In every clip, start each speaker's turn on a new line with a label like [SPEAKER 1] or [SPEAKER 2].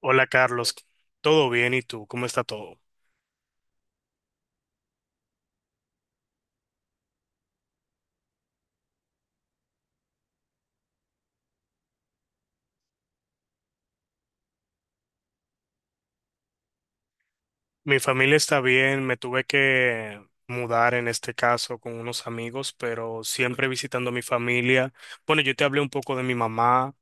[SPEAKER 1] Hola Carlos, ¿todo bien? ¿Y tú? ¿Cómo está todo? Mi familia está bien, me tuve que mudar en este caso con unos amigos, pero siempre visitando a mi familia. Bueno, yo te hablé un poco de mi mamá,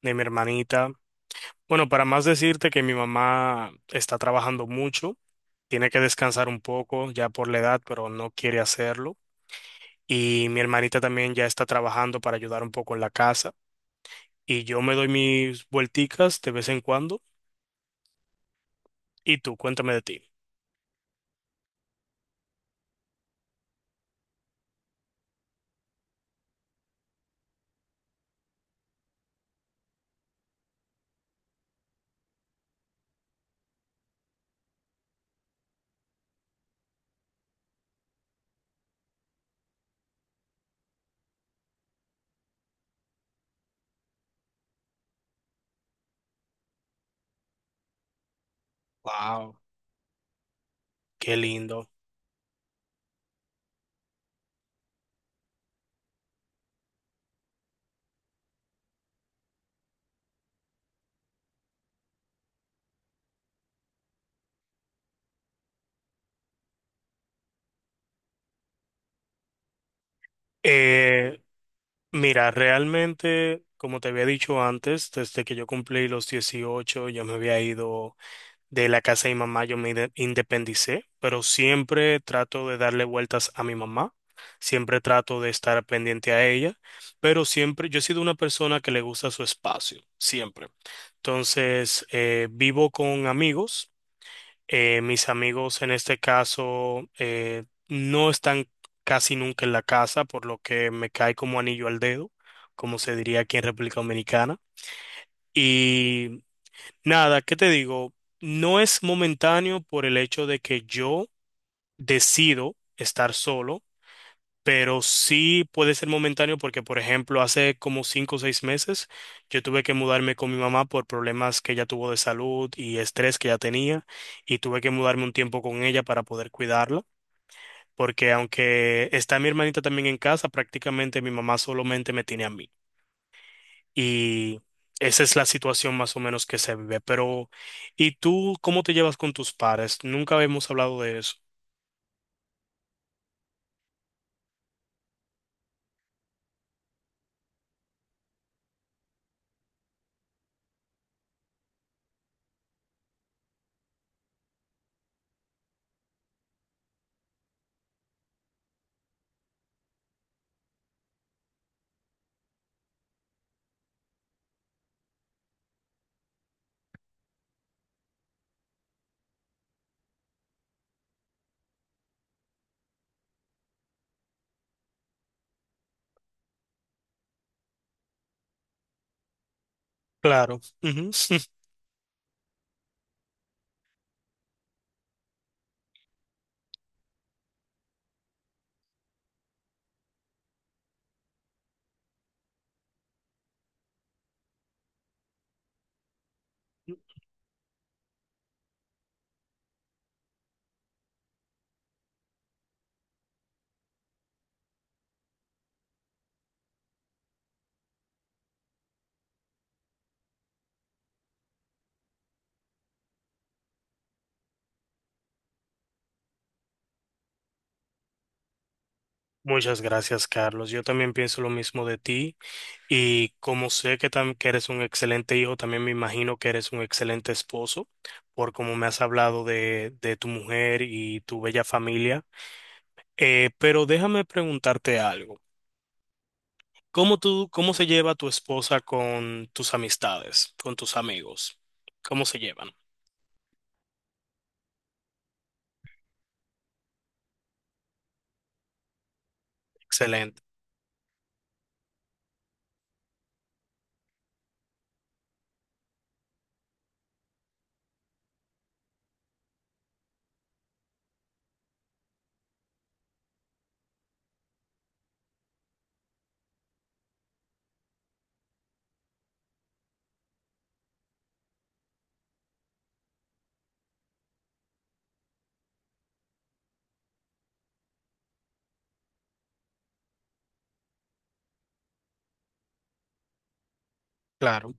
[SPEAKER 1] de mi hermanita. Bueno, para más decirte que mi mamá está trabajando mucho, tiene que descansar un poco ya por la edad, pero no quiere hacerlo. Y mi hermanita también ya está trabajando para ayudar un poco en la casa. Y yo me doy mis vuelticas de vez en cuando. ¿Y tú? Cuéntame de ti. Wow, qué lindo. Eh, Mira, realmente, como te había dicho antes, desde que yo cumplí los 18, yo me había ido de la casa de mi mamá, yo me independicé, pero siempre trato de darle vueltas a mi mamá, siempre trato de estar pendiente a ella, pero siempre, yo he sido una persona que le gusta su espacio, siempre. Entonces, vivo con amigos. Mis amigos en este caso, no están casi nunca en la casa, por lo que me cae como anillo al dedo, como se diría aquí en República Dominicana. Y nada, ¿qué te digo? No es momentáneo por el hecho de que yo decido estar solo, pero sí puede ser momentáneo porque, por ejemplo, hace como 5 o 6 meses yo tuve que mudarme con mi mamá por problemas que ella tuvo de salud y estrés que ella tenía y tuve que mudarme un tiempo con ella para poder cuidarla. Porque aunque está mi hermanita también en casa, prácticamente mi mamá solamente me tiene a mí. Y esa es la situación más o menos que se vive. Pero, ¿y tú cómo te llevas con tus padres? Nunca habíamos hablado de eso. Claro. Ujú. Muchas gracias, Carlos. Yo también pienso lo mismo de ti. Y como sé que, que eres un excelente hijo, también me imagino que eres un excelente esposo, por como me has hablado de tu mujer y tu bella familia. Pero déjame preguntarte algo. ¿Cómo se lleva tu esposa con tus amistades, con tus amigos? ¿Cómo se llevan? Excelente. Claro,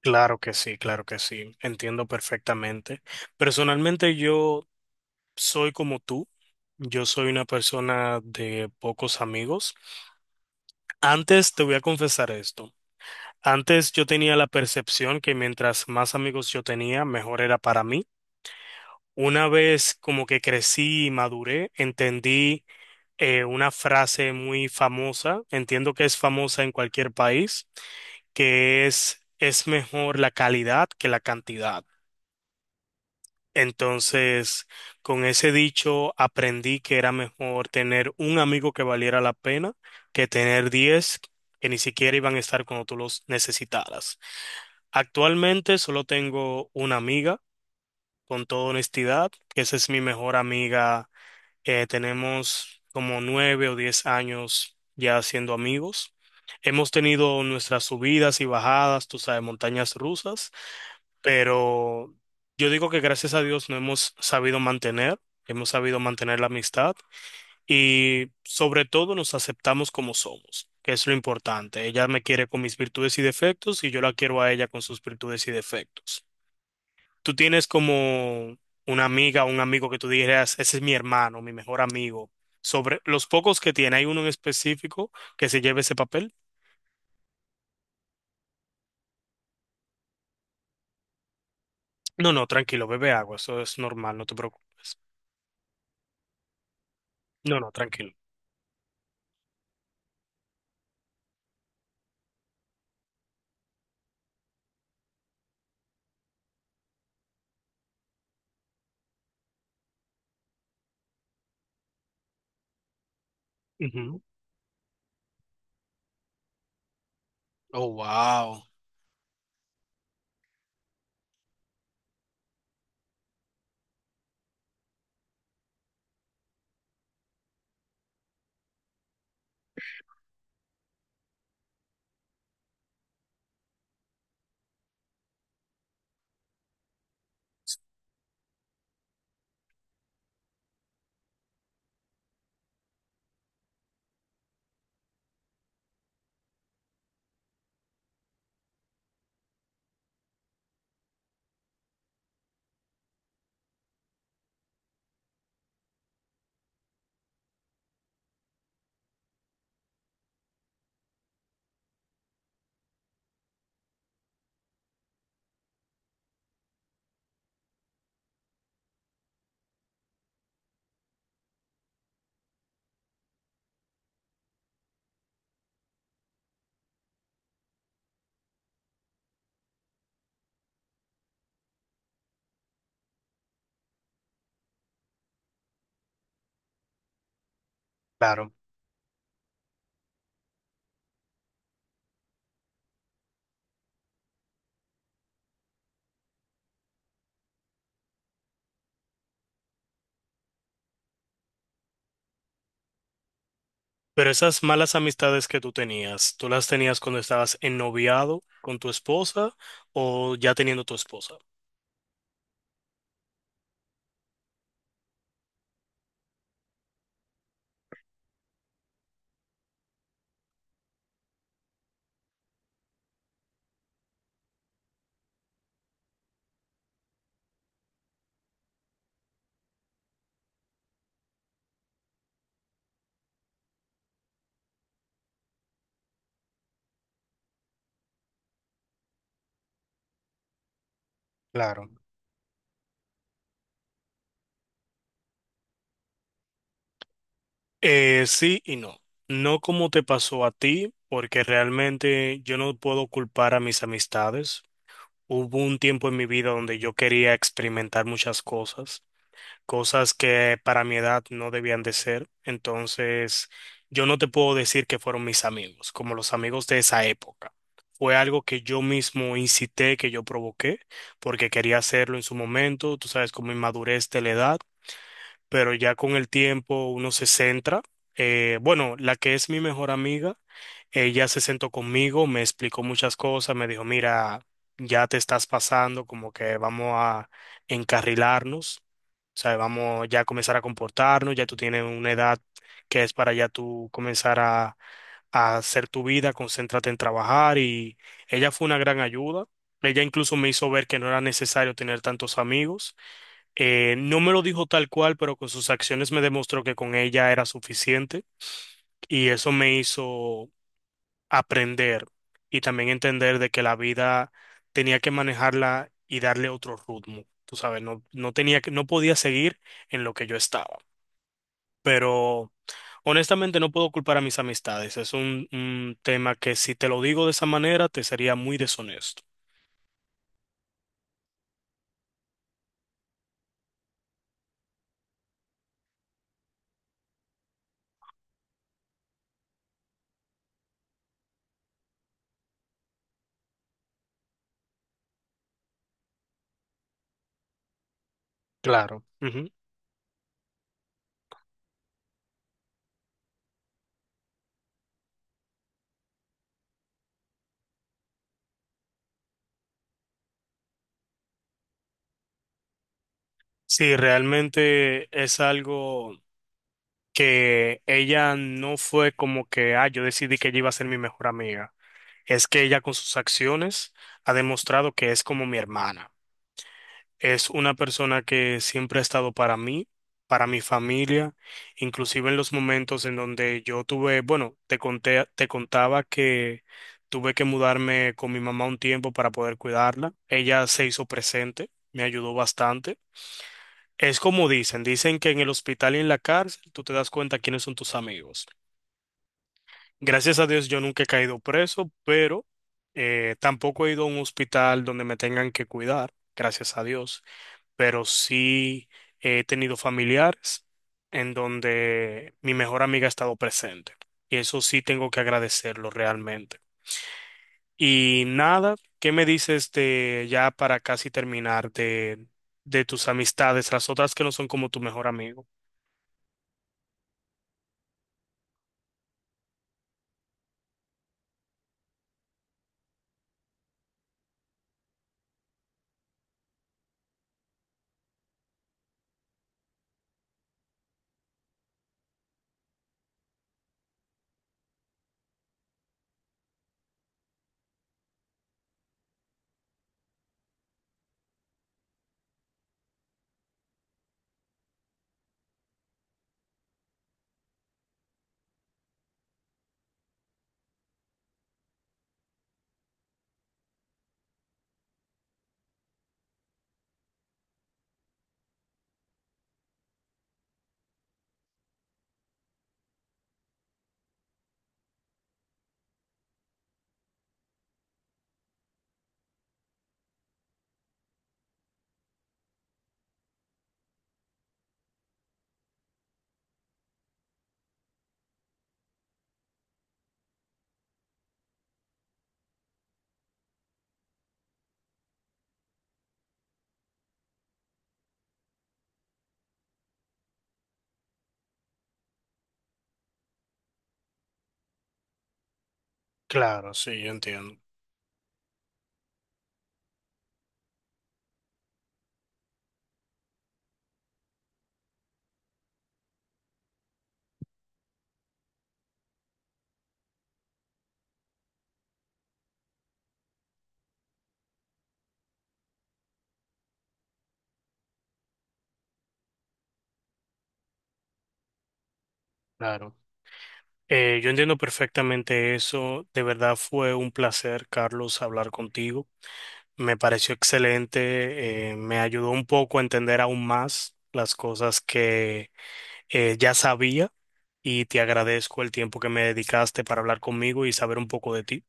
[SPEAKER 1] claro que sí, claro que sí. Entiendo perfectamente. Personalmente yo soy como tú. Yo soy una persona de pocos amigos. Antes te voy a confesar esto. Antes yo tenía la percepción que mientras más amigos yo tenía, mejor era para mí. Una vez como que crecí y maduré, entendí una frase muy famosa, entiendo que es famosa en cualquier país, que es mejor la calidad que la cantidad. Entonces, con ese dicho aprendí que era mejor tener un amigo que valiera la pena que tener 10 que ni siquiera iban a estar cuando tú los necesitaras. Actualmente solo tengo una amiga, con toda honestidad, que esa es mi mejor amiga. Tenemos como 9 o 10 años ya siendo amigos. Hemos tenido nuestras subidas y bajadas, tú sabes, montañas rusas, pero yo digo que gracias a Dios no hemos sabido mantener, hemos sabido mantener la amistad y sobre todo nos aceptamos como somos, que es lo importante. Ella me quiere con mis virtudes y defectos y yo la quiero a ella con sus virtudes y defectos. ¿Tú tienes como una amiga o un amigo que tú dijeras, ese es mi hermano, mi mejor amigo? Sobre los pocos que tiene, ¿hay uno en específico que se lleve ese papel? No, no, tranquilo, bebe agua, eso es normal, no te preocupes. No, no, tranquilo. Ujú. Oh, wow. Claro. Pero esas malas amistades que tú tenías, ¿tú las tenías cuando estabas ennoviado con tu esposa o ya teniendo tu esposa? Claro. Sí y no. No como te pasó a ti, porque realmente yo no puedo culpar a mis amistades. Hubo un tiempo en mi vida donde yo quería experimentar muchas cosas, cosas que para mi edad no debían de ser. Entonces, yo no te puedo decir que fueron mis amigos, como los amigos de esa época. Fue algo que yo mismo incité, que yo provoqué, porque quería hacerlo en su momento, tú sabes, como inmadurez de la edad, pero ya con el tiempo uno se centra. Bueno, la que es mi mejor amiga, ella se sentó conmigo, me explicó muchas cosas, me dijo, mira, ya te estás pasando, como que vamos a encarrilarnos, o sea, vamos ya a comenzar a comportarnos, ya tú tienes una edad que es para ya tú comenzar a, hacer tu vida, concéntrate en trabajar y ella fue una gran ayuda. Ella incluso me hizo ver que no era necesario tener tantos amigos. No me lo dijo tal cual, pero con sus acciones me demostró que con ella era suficiente y eso me hizo aprender y también entender de que la vida tenía que manejarla y darle otro ritmo. Tú sabes, no, no tenía que, no podía seguir en lo que yo estaba. Pero honestamente no puedo culpar a mis amistades. Es un tema que si te lo digo de esa manera te sería muy deshonesto. Claro. Ujú. Sí, realmente es algo que ella no fue como que, ah, yo decidí que ella iba a ser mi mejor amiga. Es que ella con sus acciones ha demostrado que es como mi hermana. Es una persona que siempre ha estado para mí, para mi familia, inclusive en los momentos en donde yo tuve, bueno, te contaba que tuve que mudarme con mi mamá un tiempo para poder cuidarla. Ella se hizo presente, me ayudó bastante. Es como dicen, dicen que en el hospital y en la cárcel tú te das cuenta quiénes son tus amigos. Gracias a Dios yo nunca he caído preso, pero tampoco he ido a un hospital donde me tengan que cuidar, gracias a Dios, pero sí he tenido familiares en donde mi mejor amiga ha estado presente. Y eso sí tengo que agradecerlo realmente. Y nada, ¿qué me dices de ya para casi terminar de tus amistades, las otras que no son como tu mejor amigo? Claro, sí, yo entiendo. Claro. Yo entiendo perfectamente eso. De verdad fue un placer, Carlos, hablar contigo. Me pareció excelente. Me ayudó un poco a entender aún más las cosas que ya sabía y te agradezco el tiempo que me dedicaste para hablar conmigo y saber un poco de ti.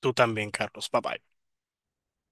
[SPEAKER 1] Tú también, Carlos. Bye bye.